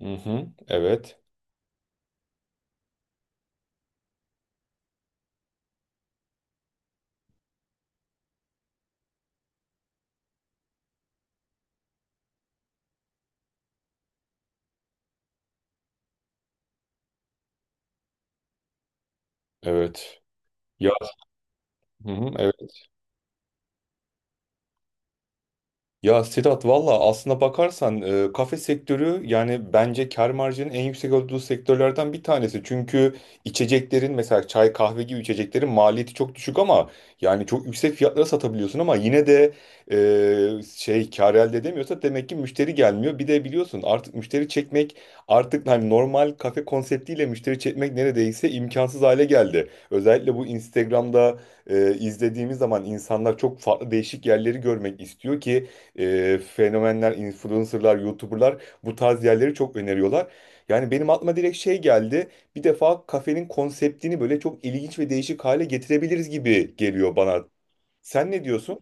Hı hı. Evet. Evet. Ya. Hı hı. Evet. Ya Sedat, valla aslına bakarsan kafe sektörü, yani bence kar marjının en yüksek olduğu sektörlerden bir tanesi. Çünkü içeceklerin, mesela çay kahve gibi içeceklerin maliyeti çok düşük ama yani çok yüksek fiyatlara satabiliyorsun, ama yine de kar elde edemiyorsa demek ki müşteri gelmiyor. Bir de biliyorsun artık, müşteri çekmek artık hani normal kafe konseptiyle müşteri çekmek neredeyse imkansız hale geldi. Özellikle bu Instagram'da, izlediğimiz zaman insanlar çok farklı değişik yerleri görmek istiyor ki fenomenler, influencerlar, youtuberlar bu tarz yerleri çok öneriyorlar. Yani benim aklıma direkt şey geldi. Bir defa kafenin konseptini böyle çok ilginç ve değişik hale getirebiliriz gibi geliyor bana. Sen ne diyorsun?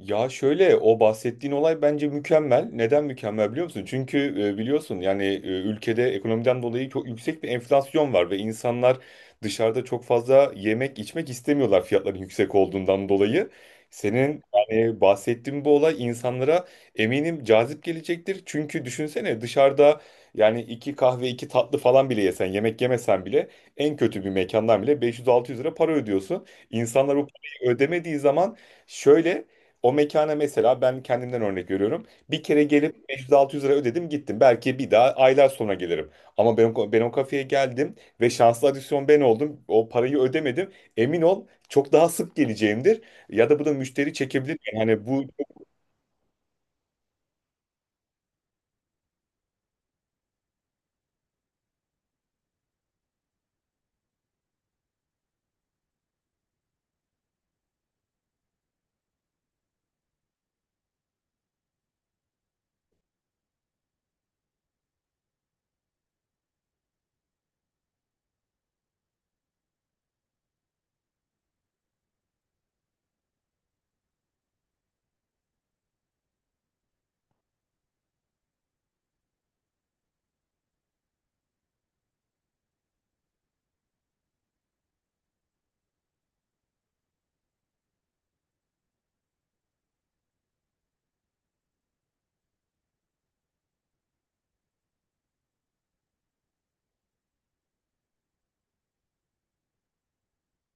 Ya, şöyle, o bahsettiğin olay bence mükemmel. Neden mükemmel biliyor musun? Çünkü biliyorsun yani ülkede ekonomiden dolayı çok yüksek bir enflasyon var ve insanlar dışarıda çok fazla yemek içmek istemiyorlar, fiyatların yüksek olduğundan dolayı. Senin yani bahsettiğin bu olay insanlara eminim cazip gelecektir. Çünkü düşünsene, dışarıda yani iki kahve iki tatlı falan bile yesen, yemek yemesen bile en kötü bir mekandan bile 500-600 lira para ödüyorsun. İnsanlar bu parayı ödemediği zaman şöyle, o mekana, mesela ben kendimden örnek veriyorum. Bir kere gelip 500-600 lira ödedim, gittim. Belki bir daha aylar sonra gelirim. Ama ben o kafeye geldim ve şanslı adisyon ben oldum. O parayı ödemedim. Emin ol çok daha sık geleceğimdir. Ya da bu da müşteri çekebilir. Yani hani bu...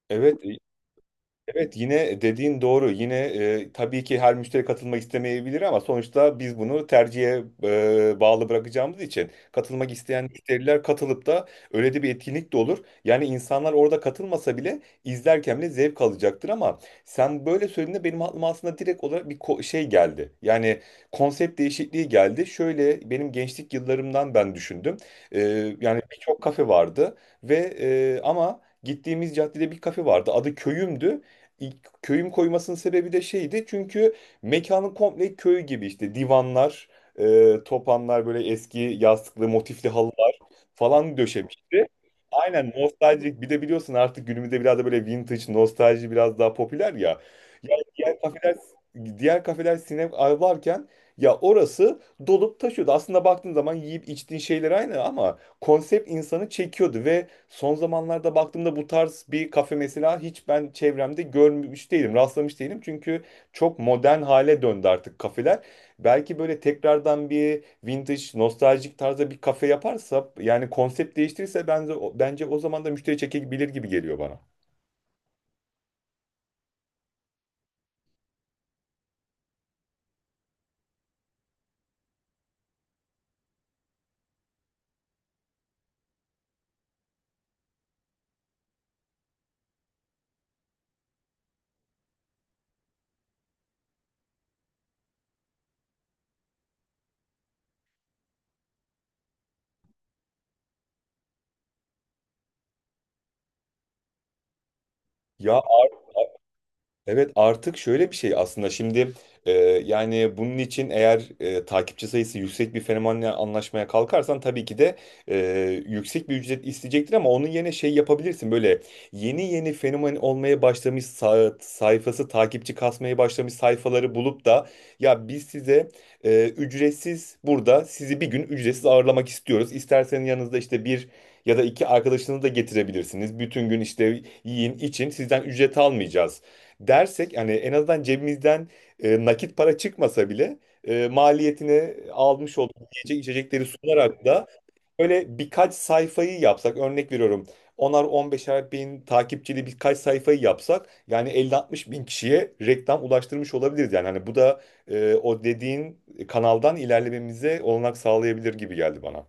Evet. Evet, yine dediğin doğru. Yine tabii ki her müşteri katılmak istemeyebilir, ama sonuçta biz bunu tercihe bağlı bırakacağımız için katılmak isteyen müşteriler katılıp da öyle de bir etkinlik de olur. Yani insanlar orada katılmasa bile izlerken bile zevk alacaktır. Ama sen böyle söylediğinde benim aklıma aslında direkt olarak bir şey geldi. Yani konsept değişikliği geldi. Şöyle, benim gençlik yıllarımdan ben düşündüm. E, Yani birçok kafe vardı ve ama gittiğimiz caddede bir kafe vardı. Adı Köyüm'dü. İlk köyüm koymasının sebebi de şeydi. Çünkü mekanın komple köy gibi, işte divanlar, topanlar, böyle eski yastıklı motifli halılar falan döşemişti. Aynen, nostaljik. Bir de biliyorsun artık günümüzde biraz da böyle vintage, nostalji biraz daha popüler ya. Ya diğer kafeler sinema varken, ya orası dolup taşıyordu. Aslında baktığın zaman yiyip içtiğin şeyler aynı, ama konsept insanı çekiyordu. Ve son zamanlarda baktığımda bu tarz bir kafe mesela hiç ben çevremde görmüş değilim, rastlamış değilim. Çünkü çok modern hale döndü artık kafeler. Belki böyle tekrardan bir vintage, nostaljik tarzda bir kafe yaparsa, yani konsept değiştirirse bence o zaman da müşteri çekebilir gibi geliyor bana. Ya. Evet, artık şöyle bir şey, aslında şimdi e, yani bunun için, eğer takipçi sayısı yüksek bir fenomenle anlaşmaya kalkarsan tabii ki de e, yüksek bir ücret isteyecektir. Ama onun yerine şey yapabilirsin, böyle yeni yeni fenomen olmaya başlamış, sayfası takipçi kasmaya başlamış sayfaları bulup da, ya biz size ücretsiz burada sizi bir gün ücretsiz ağırlamak istiyoruz. İsterseniz yanınızda işte bir ya da iki arkadaşınızı da getirebilirsiniz. Bütün gün işte yiyin için sizden ücret almayacağız dersek, hani en azından cebimizden nakit para çıkmasa bile maliyetini almış olduğumuz yiyecek içecekleri sunarak da. Böyle birkaç sayfayı yapsak, örnek veriyorum, 10'ar 15'er bin takipçili birkaç sayfayı yapsak yani 50-60 bin kişiye reklam ulaştırmış olabiliriz. Yani hani bu da o dediğin kanaldan ilerlememize olanak sağlayabilir gibi geldi bana.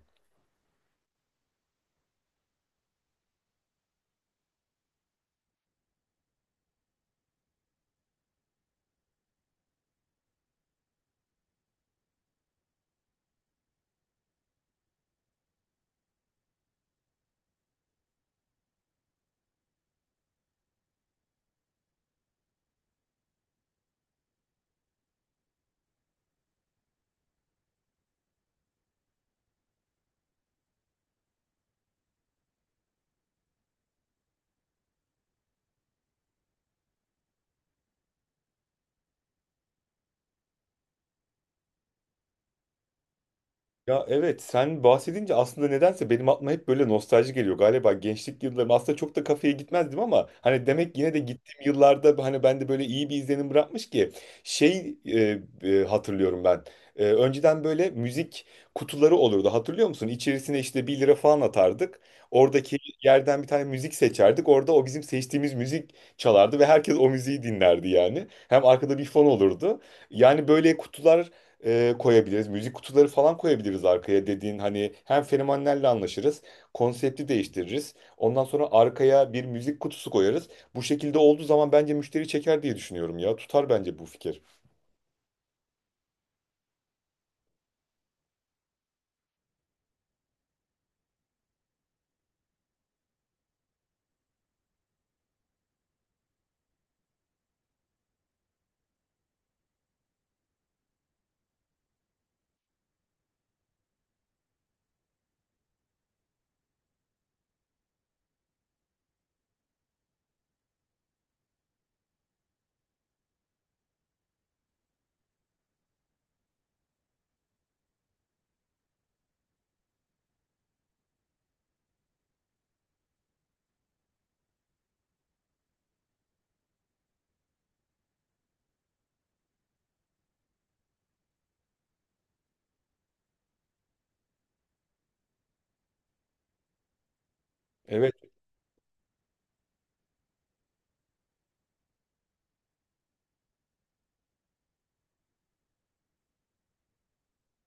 Ya evet, sen bahsedince aslında nedense benim aklıma hep böyle nostalji geliyor. Galiba gençlik yıllarım, aslında çok da kafeye gitmezdim ama hani demek yine de gittiğim yıllarda hani bende böyle iyi bir izlenim bırakmış ki şey e, hatırlıyorum ben. Önceden böyle müzik kutuları olurdu, hatırlıyor musun? İçerisine işte bir lira falan atardık. Oradaki yerden bir tane müzik seçerdik. Orada o bizim seçtiğimiz müzik çalardı ve herkes o müziği dinlerdi yani. Hem arkada bir fon olurdu. Yani böyle kutular, koyabiliriz. Müzik kutuları falan koyabiliriz arkaya, dediğin hani, hem fenomenlerle anlaşırız, konsepti değiştiririz. Ondan sonra arkaya bir müzik kutusu koyarız. Bu şekilde olduğu zaman bence müşteri çeker diye düşünüyorum ya. Tutar bence bu fikir. Evet.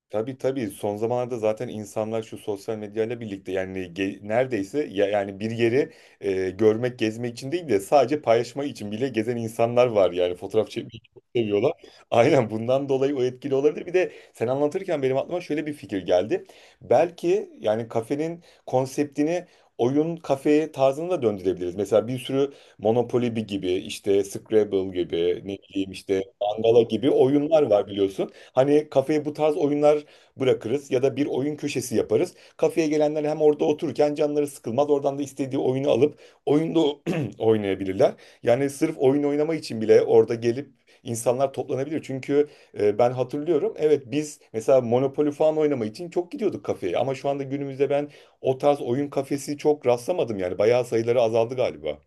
Tabii tabii, son zamanlarda zaten insanlar şu sosyal medyayla birlikte yani, neredeyse ya, yani bir yeri görmek, gezmek için değil de sadece paylaşmak için bile gezen insanlar var, yani fotoğraf çekmeyi çok seviyorlar. Aynen, bundan dolayı o etkili olabilir. Bir de sen anlatırken benim aklıma şöyle bir fikir geldi. Belki yani kafenin konseptini oyun kafeye tarzına da döndürebiliriz. Mesela bir sürü Monopoly gibi, işte Scrabble gibi, ne bileyim işte Mangala gibi oyunlar var biliyorsun. Hani kafeye bu tarz oyunlar bırakırız ya da bir oyun köşesi yaparız. Kafeye gelenler hem orada otururken canları sıkılmaz. Oradan da istediği oyunu alıp oyunda oynayabilirler. Yani sırf oyun oynama için bile orada gelip insanlar toplanabilir. Çünkü ben hatırlıyorum. Evet, biz mesela Monopoly falan oynama için çok gidiyorduk kafeye. Ama şu anda günümüzde ben o tarz oyun kafesi çok rastlamadım yani. Bayağı sayıları azaldı galiba.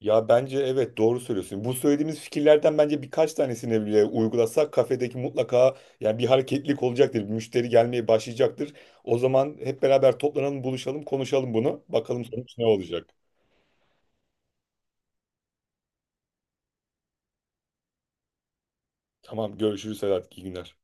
Ya bence evet, doğru söylüyorsun. Bu söylediğimiz fikirlerden bence birkaç tanesini bile uygulasak kafedeki mutlaka yani bir hareketlilik olacaktır. Bir müşteri gelmeye başlayacaktır. O zaman hep beraber toplanalım, buluşalım, konuşalım bunu. Bakalım sonuç ne olacak. Tamam, görüşürüz Sedat. İyi günler.